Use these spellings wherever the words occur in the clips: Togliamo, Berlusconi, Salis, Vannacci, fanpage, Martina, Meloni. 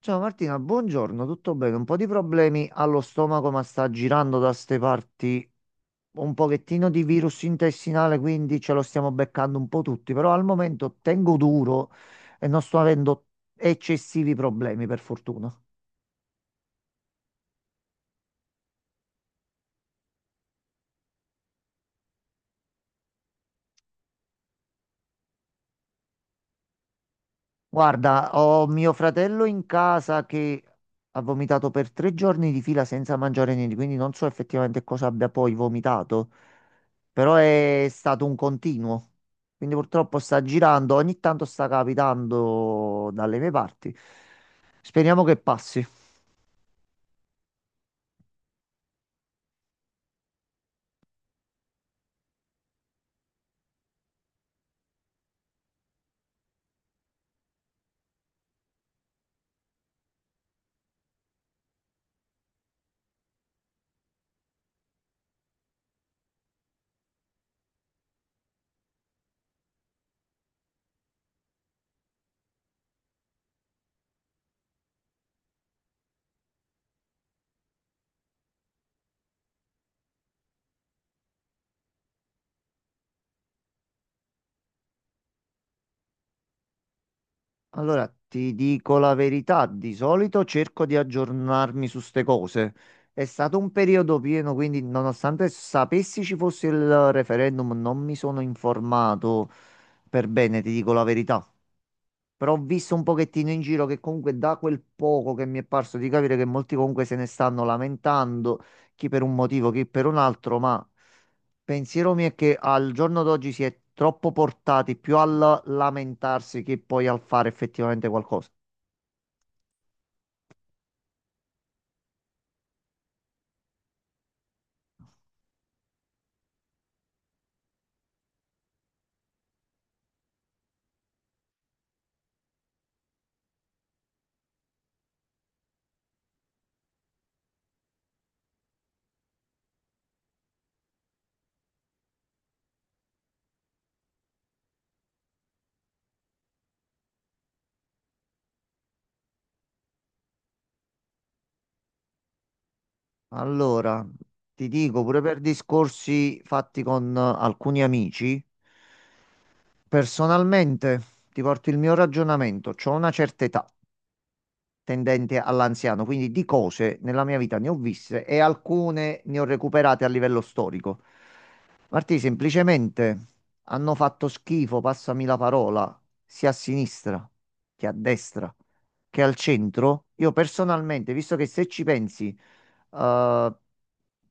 Ciao Martina, buongiorno, tutto bene? Un po' di problemi allo stomaco, ma sta girando da ste parti un pochettino di virus intestinale, quindi ce lo stiamo beccando un po' tutti, però al momento tengo duro e non sto avendo eccessivi problemi, per fortuna. Guarda, ho mio fratello in casa che ha vomitato per tre giorni di fila senza mangiare niente, quindi non so effettivamente cosa abbia poi vomitato, però è stato un continuo. Quindi purtroppo sta girando, ogni tanto sta capitando dalle mie parti. Speriamo che passi. Allora, ti dico la verità, di solito cerco di aggiornarmi su ste cose. È stato un periodo pieno, quindi nonostante sapessi ci fosse il referendum, non mi sono informato per bene, ti dico la verità. Però ho visto un pochettino in giro che comunque da quel poco che mi è parso di capire che molti comunque se ne stanno lamentando, chi per un motivo, chi per un altro, ma pensiero mio è che al giorno d'oggi si è troppo portati più al lamentarsi che poi al fare effettivamente qualcosa. Allora, ti dico, pure per discorsi fatti con alcuni amici, personalmente ti porto il mio ragionamento, ho una certa età, tendente all'anziano, quindi di cose nella mia vita ne ho viste e alcune ne ho recuperate a livello storico. Martì, semplicemente hanno fatto schifo, passami la parola, sia a sinistra che a destra che al centro. Io personalmente, visto che se ci pensi, eh,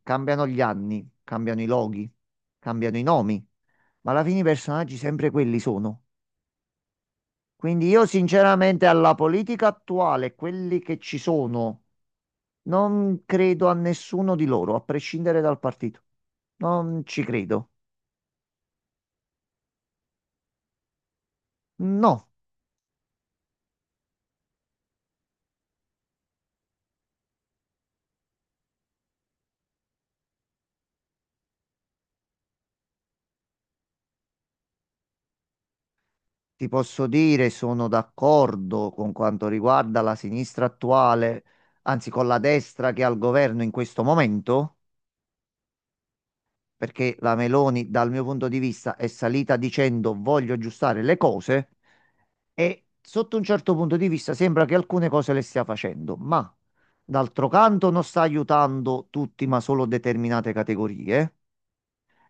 cambiano gli anni, cambiano i loghi, cambiano i nomi, ma alla fine i personaggi sempre quelli sono. Quindi io sinceramente alla politica attuale, quelli che ci sono, non credo a nessuno di loro, a prescindere dal partito. Non ci credo. No, ti posso dire, sono d'accordo con quanto riguarda la sinistra attuale, anzi con la destra che è al governo in questo momento, perché la Meloni, dal mio punto di vista, è salita dicendo voglio aggiustare le cose. E sotto un certo punto di vista sembra che alcune cose le stia facendo, ma d'altro canto non sta aiutando tutti, ma solo determinate categorie.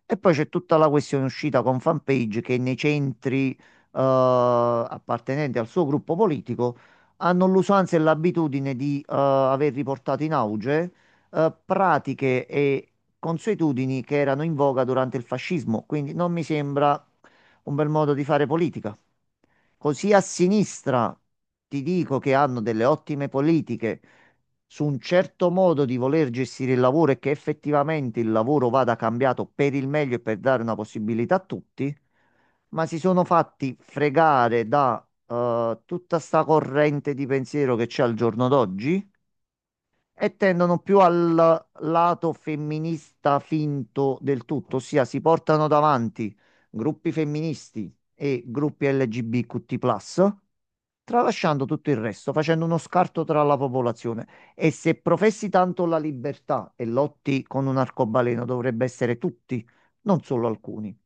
E poi c'è tutta la questione uscita con fanpage che nei centri appartenenti al suo gruppo politico hanno l'usanza e l'abitudine di aver riportato in auge pratiche e consuetudini che erano in voga durante il fascismo. Quindi non mi sembra un bel modo di fare politica. Così a sinistra ti dico che hanno delle ottime politiche su un certo modo di voler gestire il lavoro e che effettivamente il lavoro vada cambiato per il meglio e per dare una possibilità a tutti, ma si sono fatti fregare da tutta sta corrente di pensiero che c'è al giorno d'oggi e tendono più al lato femminista finto del tutto, ossia si portano davanti gruppi femministi e gruppi LGBTQ+, tralasciando tutto il resto, facendo uno scarto tra la popolazione. E se professi tanto la libertà e lotti con un arcobaleno, dovrebbe essere tutti, non solo alcuni.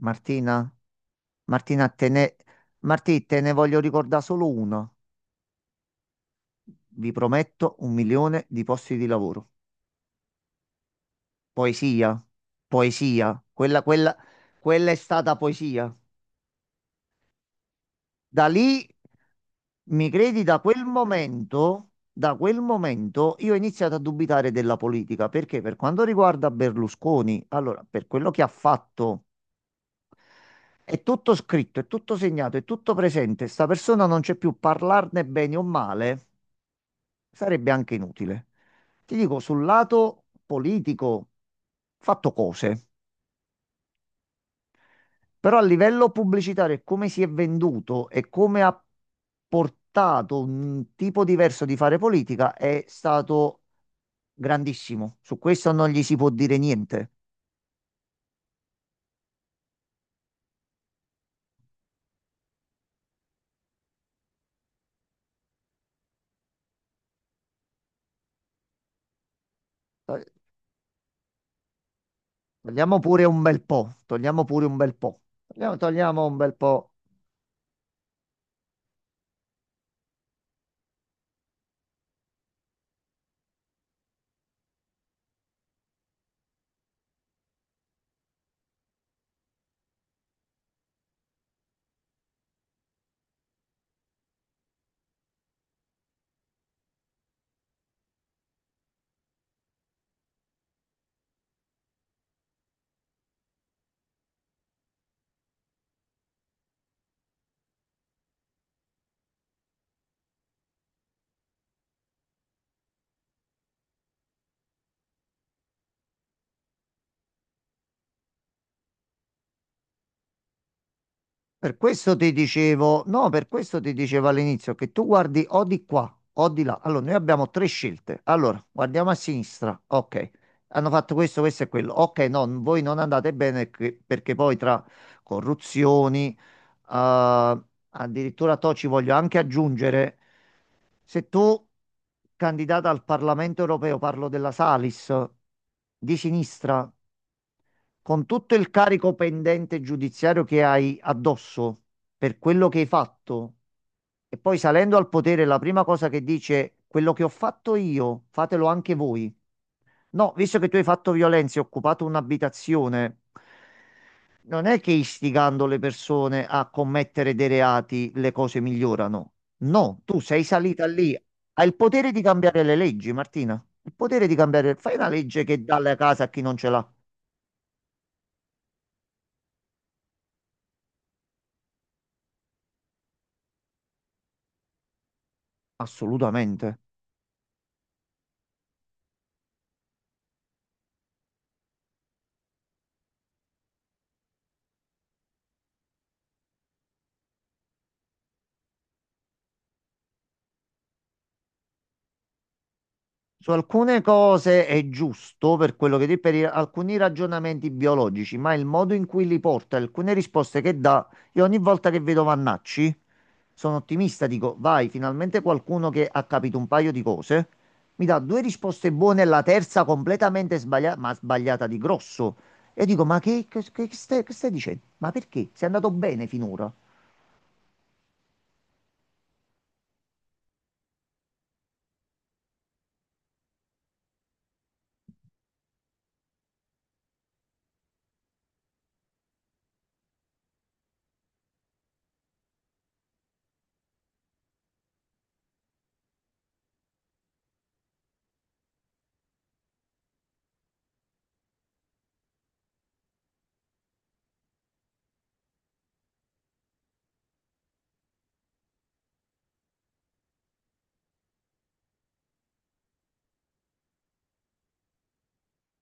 Martina, Martina, te ne, Martì, te ne voglio ricordare solo uno. Vi prometto un milione di posti di lavoro. Poesia, poesia, quella è stata poesia. Da lì, mi credi, da quel momento io ho iniziato a dubitare della politica, perché per quanto riguarda Berlusconi, allora, per quello che ha fatto, è tutto scritto, è tutto segnato, è tutto presente, sta persona non c'è più, parlarne bene o male sarebbe anche inutile. Ti dico, sul lato politico, ho fatto cose. Però a livello pubblicitario, e come si è venduto e come ha portato un tipo diverso di fare politica è stato grandissimo. Su questo non gli si può dire niente. Eh, Togliamo pure un bel po', togliamo pure un bel po', togliamo, togliamo un bel po'. Per questo ti dicevo, no, per questo ti dicevo all'inizio che tu guardi o di qua o di là. Allora, noi abbiamo tre scelte. Allora, guardiamo a sinistra. Ok, hanno fatto questo, questo e quello. Ok, no, voi non andate bene perché poi tra corruzioni, eh, addirittura to ci voglio anche aggiungere, se tu, candidata al Parlamento europeo, parlo della Salis, di sinistra con tutto il carico pendente giudiziario che hai addosso per quello che hai fatto, e poi salendo al potere, la prima cosa che dice è quello che ho fatto io, fatelo anche voi. No, visto che tu hai fatto violenza e hai occupato un'abitazione, non è che istigando le persone a commettere dei reati le cose migliorano. No, tu sei salita lì, hai il potere di cambiare le leggi, Martina. Il potere di cambiare, fai una legge che dà la casa a chi non ce l'ha. Assolutamente. Su alcune cose è giusto per quello che dici, alcuni ragionamenti biologici, ma il modo in cui li porta, alcune risposte che dà, io ogni volta che vedo Vannacci sono ottimista, dico, vai, finalmente qualcuno che ha capito un paio di cose, mi dà due risposte buone e la terza completamente sbagliata, ma sbagliata di grosso. E dico, ma che stai dicendo? Ma perché? Sei andato bene finora.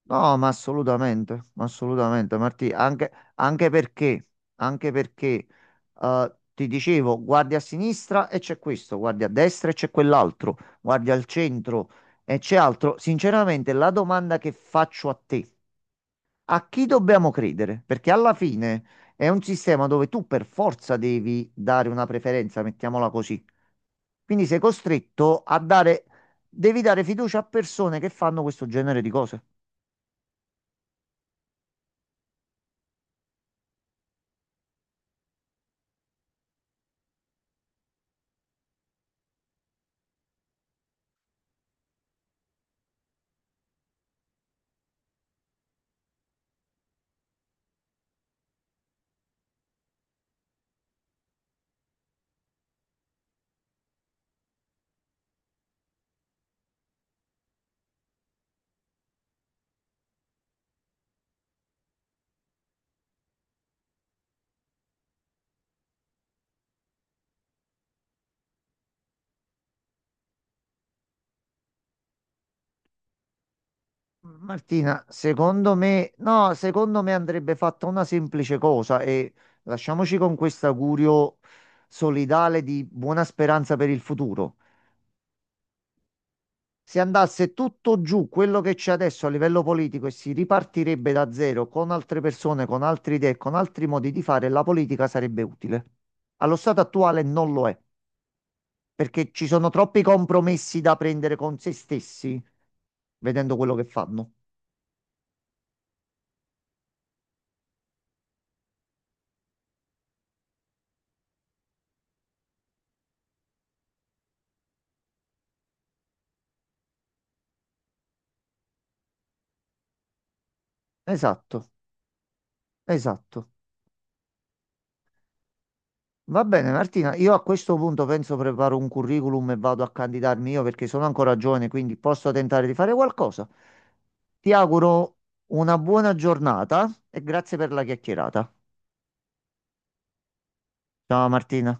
No, ma assolutamente, Martì, anche perché ti dicevo, guardi a sinistra e c'è questo, guardi a destra e c'è quell'altro, guardi al centro e c'è altro. Sinceramente, la domanda che faccio a te, a chi dobbiamo credere? Perché alla fine è un sistema dove tu per forza devi dare una preferenza, mettiamola così. Quindi sei costretto a dare, devi dare fiducia a persone che fanno questo genere di cose. Martina, secondo me, no, secondo me andrebbe fatta una semplice cosa e lasciamoci con questo augurio solidale di buona speranza per il futuro. Se andasse tutto giù quello che c'è adesso a livello politico e si ripartirebbe da zero con altre persone, con altre idee, con altri modi di fare, la politica sarebbe utile. Allo stato attuale non lo è, perché ci sono troppi compromessi da prendere con se stessi, vedendo quello che fanno. Esatto, esatto. Va bene, Martina, io a questo punto penso preparo un curriculum e vado a candidarmi io perché sono ancora giovane, quindi posso tentare di fare qualcosa. Ti auguro una buona giornata e grazie per la chiacchierata. Ciao Martina.